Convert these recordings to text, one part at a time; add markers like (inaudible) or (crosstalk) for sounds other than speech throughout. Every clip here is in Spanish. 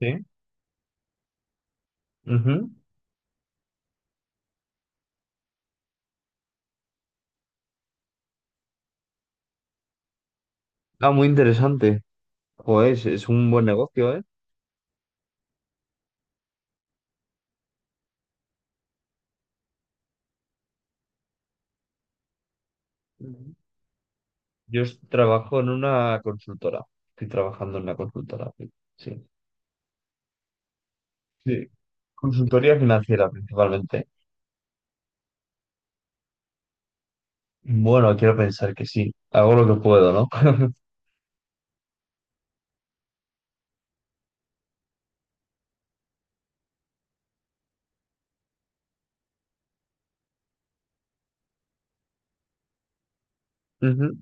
Sí. Ujú. Ah, muy interesante. Pues es un buen negocio, ¿eh? Ujú. Trabajo en una consultora. Estoy trabajando en una consultora. Sí. Sí. Sí. Consultoría financiera principalmente. Bueno, quiero pensar que sí. Hago lo que puedo, ¿no? (laughs) Ujú.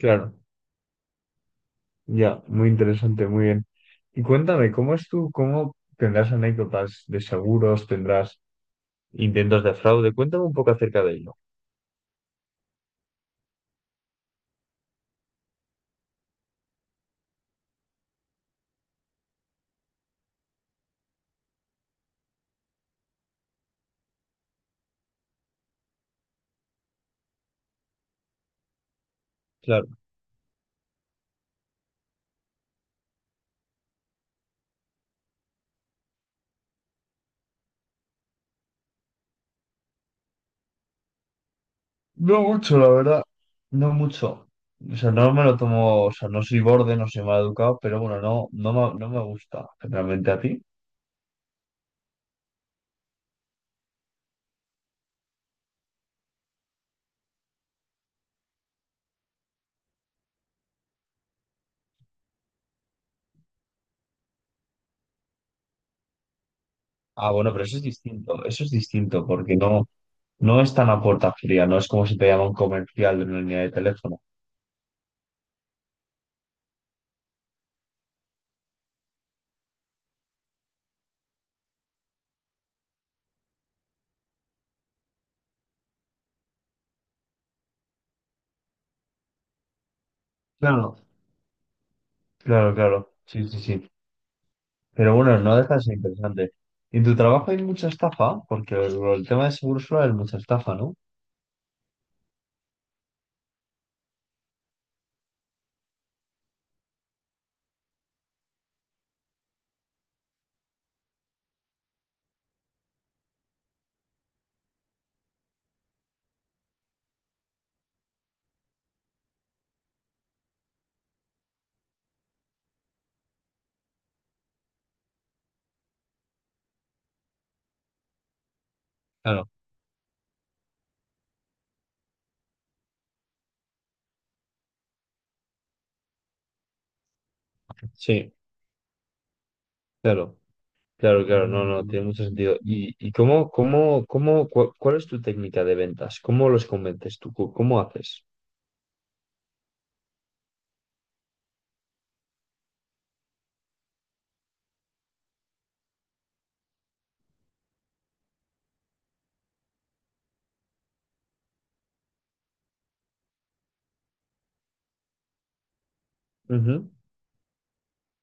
Claro, ya, muy interesante, muy bien. Y cuéntame, ¿cómo es tú? ¿Cómo tendrás anécdotas de seguros? ¿Tendrás intentos de fraude? Cuéntame un poco acerca de ello. Claro. No mucho, la verdad. No mucho. O sea, no me lo tomo, o sea, no soy borde, no soy mal educado, pero bueno, no me gusta generalmente a ti. Ah, bueno, pero eso es distinto, porque no, no es tan a puerta fría, no es como si te llama un comercial de una línea de teléfono. Claro, claro, claro, sí, sí, sí. Pero bueno, no deja de ser interesante. ¿En tu trabajo hay mucha estafa? Porque el tema de seguro social es mucha estafa, ¿no? Claro, sí, claro. Claro, claro, no, no, tiene mucho sentido. ¿Y, cuál es tu técnica de ventas? ¿Cómo los convences tú? ¿Cómo haces? Ujú.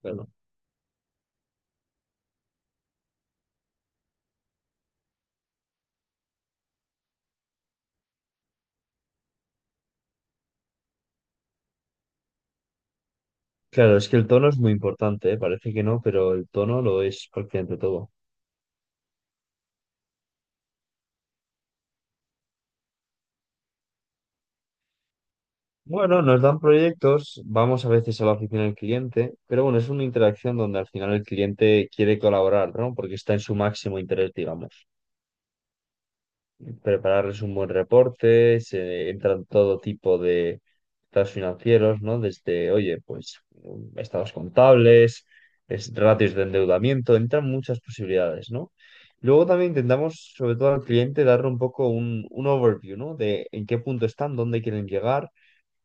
Claro. Claro, es que el tono es muy importante, ¿eh? Parece que no, pero el tono lo es prácticamente todo. Bueno, nos dan proyectos, vamos a veces a la oficina del cliente, pero bueno, es una interacción donde al final el cliente quiere colaborar, ¿no? Porque está en su máximo interés, digamos. Prepararles un buen reporte, se entran todo tipo de estados financieros, ¿no? Desde, oye, pues estados contables, ratios de endeudamiento, entran muchas posibilidades, ¿no? Luego también intentamos, sobre todo al cliente, darle un poco un overview, ¿no? De en qué punto están, dónde quieren llegar,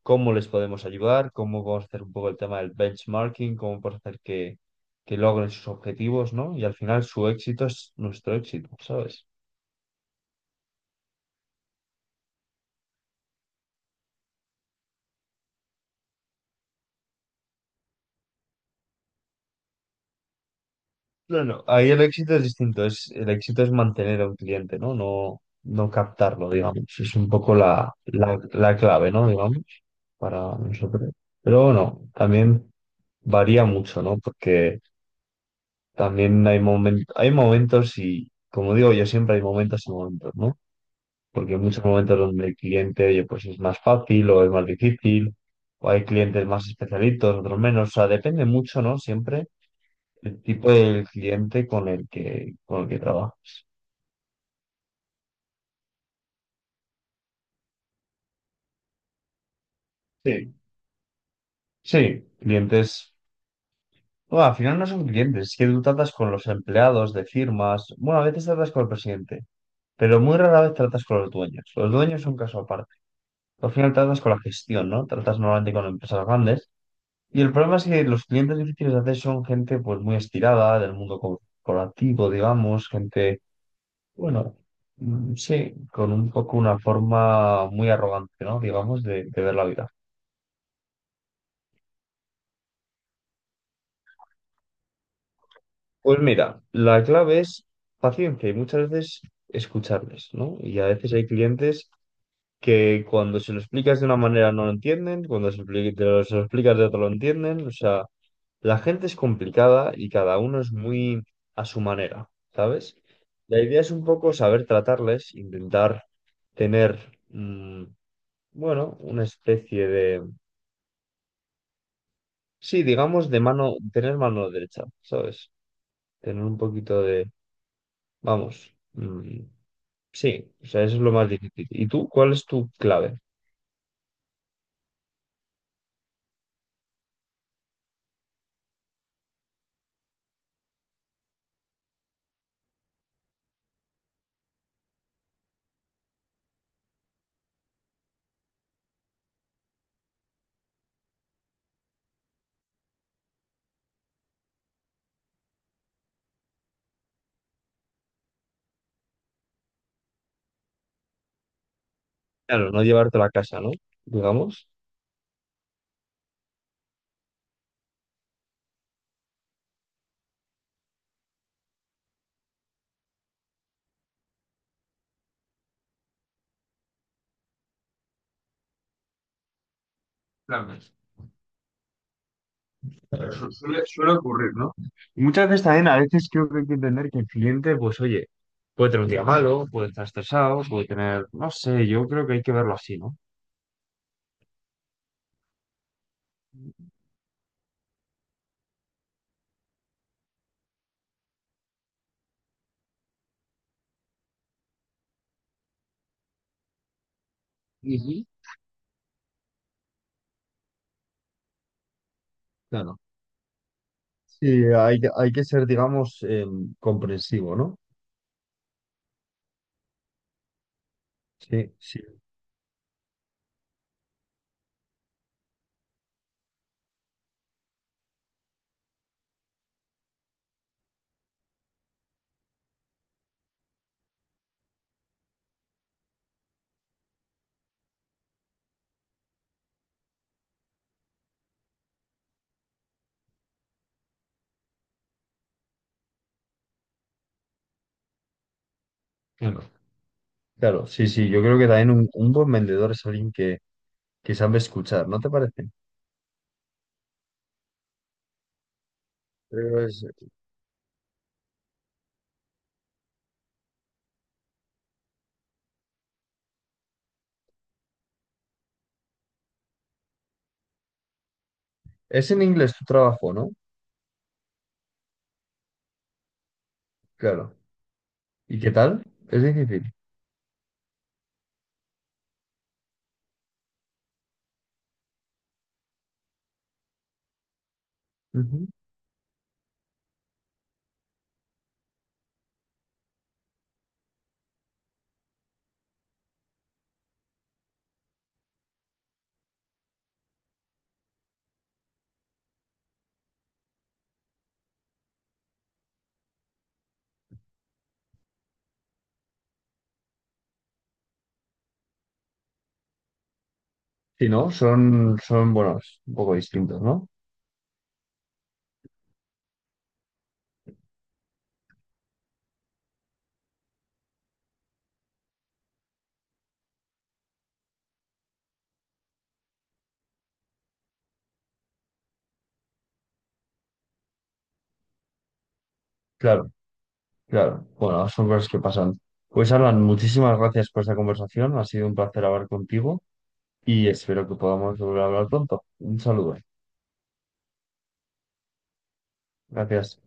cómo les podemos ayudar, cómo podemos hacer un poco el tema del benchmarking, cómo podemos hacer que logren sus objetivos, ¿no? Y al final su éxito es nuestro éxito, ¿sabes? Claro, ahí el éxito es distinto, es, el éxito es mantener a un cliente, ¿no? No, no captarlo, digamos. Es un poco la clave, ¿no? Digamos, para nosotros. Pero bueno, también varía mucho, ¿no? Porque también hay momentos y, como digo yo siempre, hay momentos y momentos, ¿no? Porque hay muchos momentos donde el cliente, oye, pues es más fácil o es más difícil, o hay clientes más especialitos, otros menos. O sea, depende mucho, ¿no? Siempre el tipo del cliente con el que trabaja. Sí, sí, clientes. Bueno, al final no son clientes, es que tú tratas con los empleados de firmas. Bueno, a veces tratas con el presidente, pero muy rara vez tratas con los dueños. Los dueños son caso aparte. Al final tratas con la gestión, ¿no? Tratas normalmente con empresas grandes. Y el problema es que los clientes difíciles de hacer son gente pues muy estirada del mundo corporativo, digamos, gente, bueno, sí, con un poco una forma muy arrogante, ¿no? Digamos, de ver la vida. Pues mira, la clave es paciencia y muchas veces escucharles, ¿no? Y a veces hay clientes que cuando se lo explicas de una manera no lo entienden, cuando se, lo expli- te lo- se lo explicas de otra lo entienden, o sea, la gente es complicada y cada uno es muy a su manera, ¿sabes? La idea es un poco saber tratarles, intentar tener, mm, bueno, una especie de, sí, digamos, de mano, tener mano derecha, ¿sabes? Tener un poquito de, vamos. Sí, o sea, eso es lo más difícil. ¿Y tú cuál es tu clave? Claro, no llevarte la casa, ¿no? Digamos. Claro, pero suele, suele ocurrir, ¿no? Y muchas veces también, a veces creo que hay que entender que el cliente, pues oye, puede tener un día malo, puede estar estresado, puede tener, no sé, yo creo que hay que verlo así, ¿no? Ujú. Claro. Sí, hay que ser, digamos, comprensivo, ¿no? Sí, sí. Claro. Claro, sí, sí. Yo creo que también un buen vendedor es alguien que sabe escuchar, ¿no te parece? Creo que es, ¿es en inglés tu trabajo, ¿no? Claro. ¿Y qué tal? Es difícil. Ujú. Si no, son, son, bueno, es un poco distintos, ¿no? Claro, claro. Bueno, son cosas que pasan. Pues Alan, muchísimas gracias por esta conversación. Ha sido un placer hablar contigo y espero que podamos volver a hablar pronto. Un saludo. Gracias.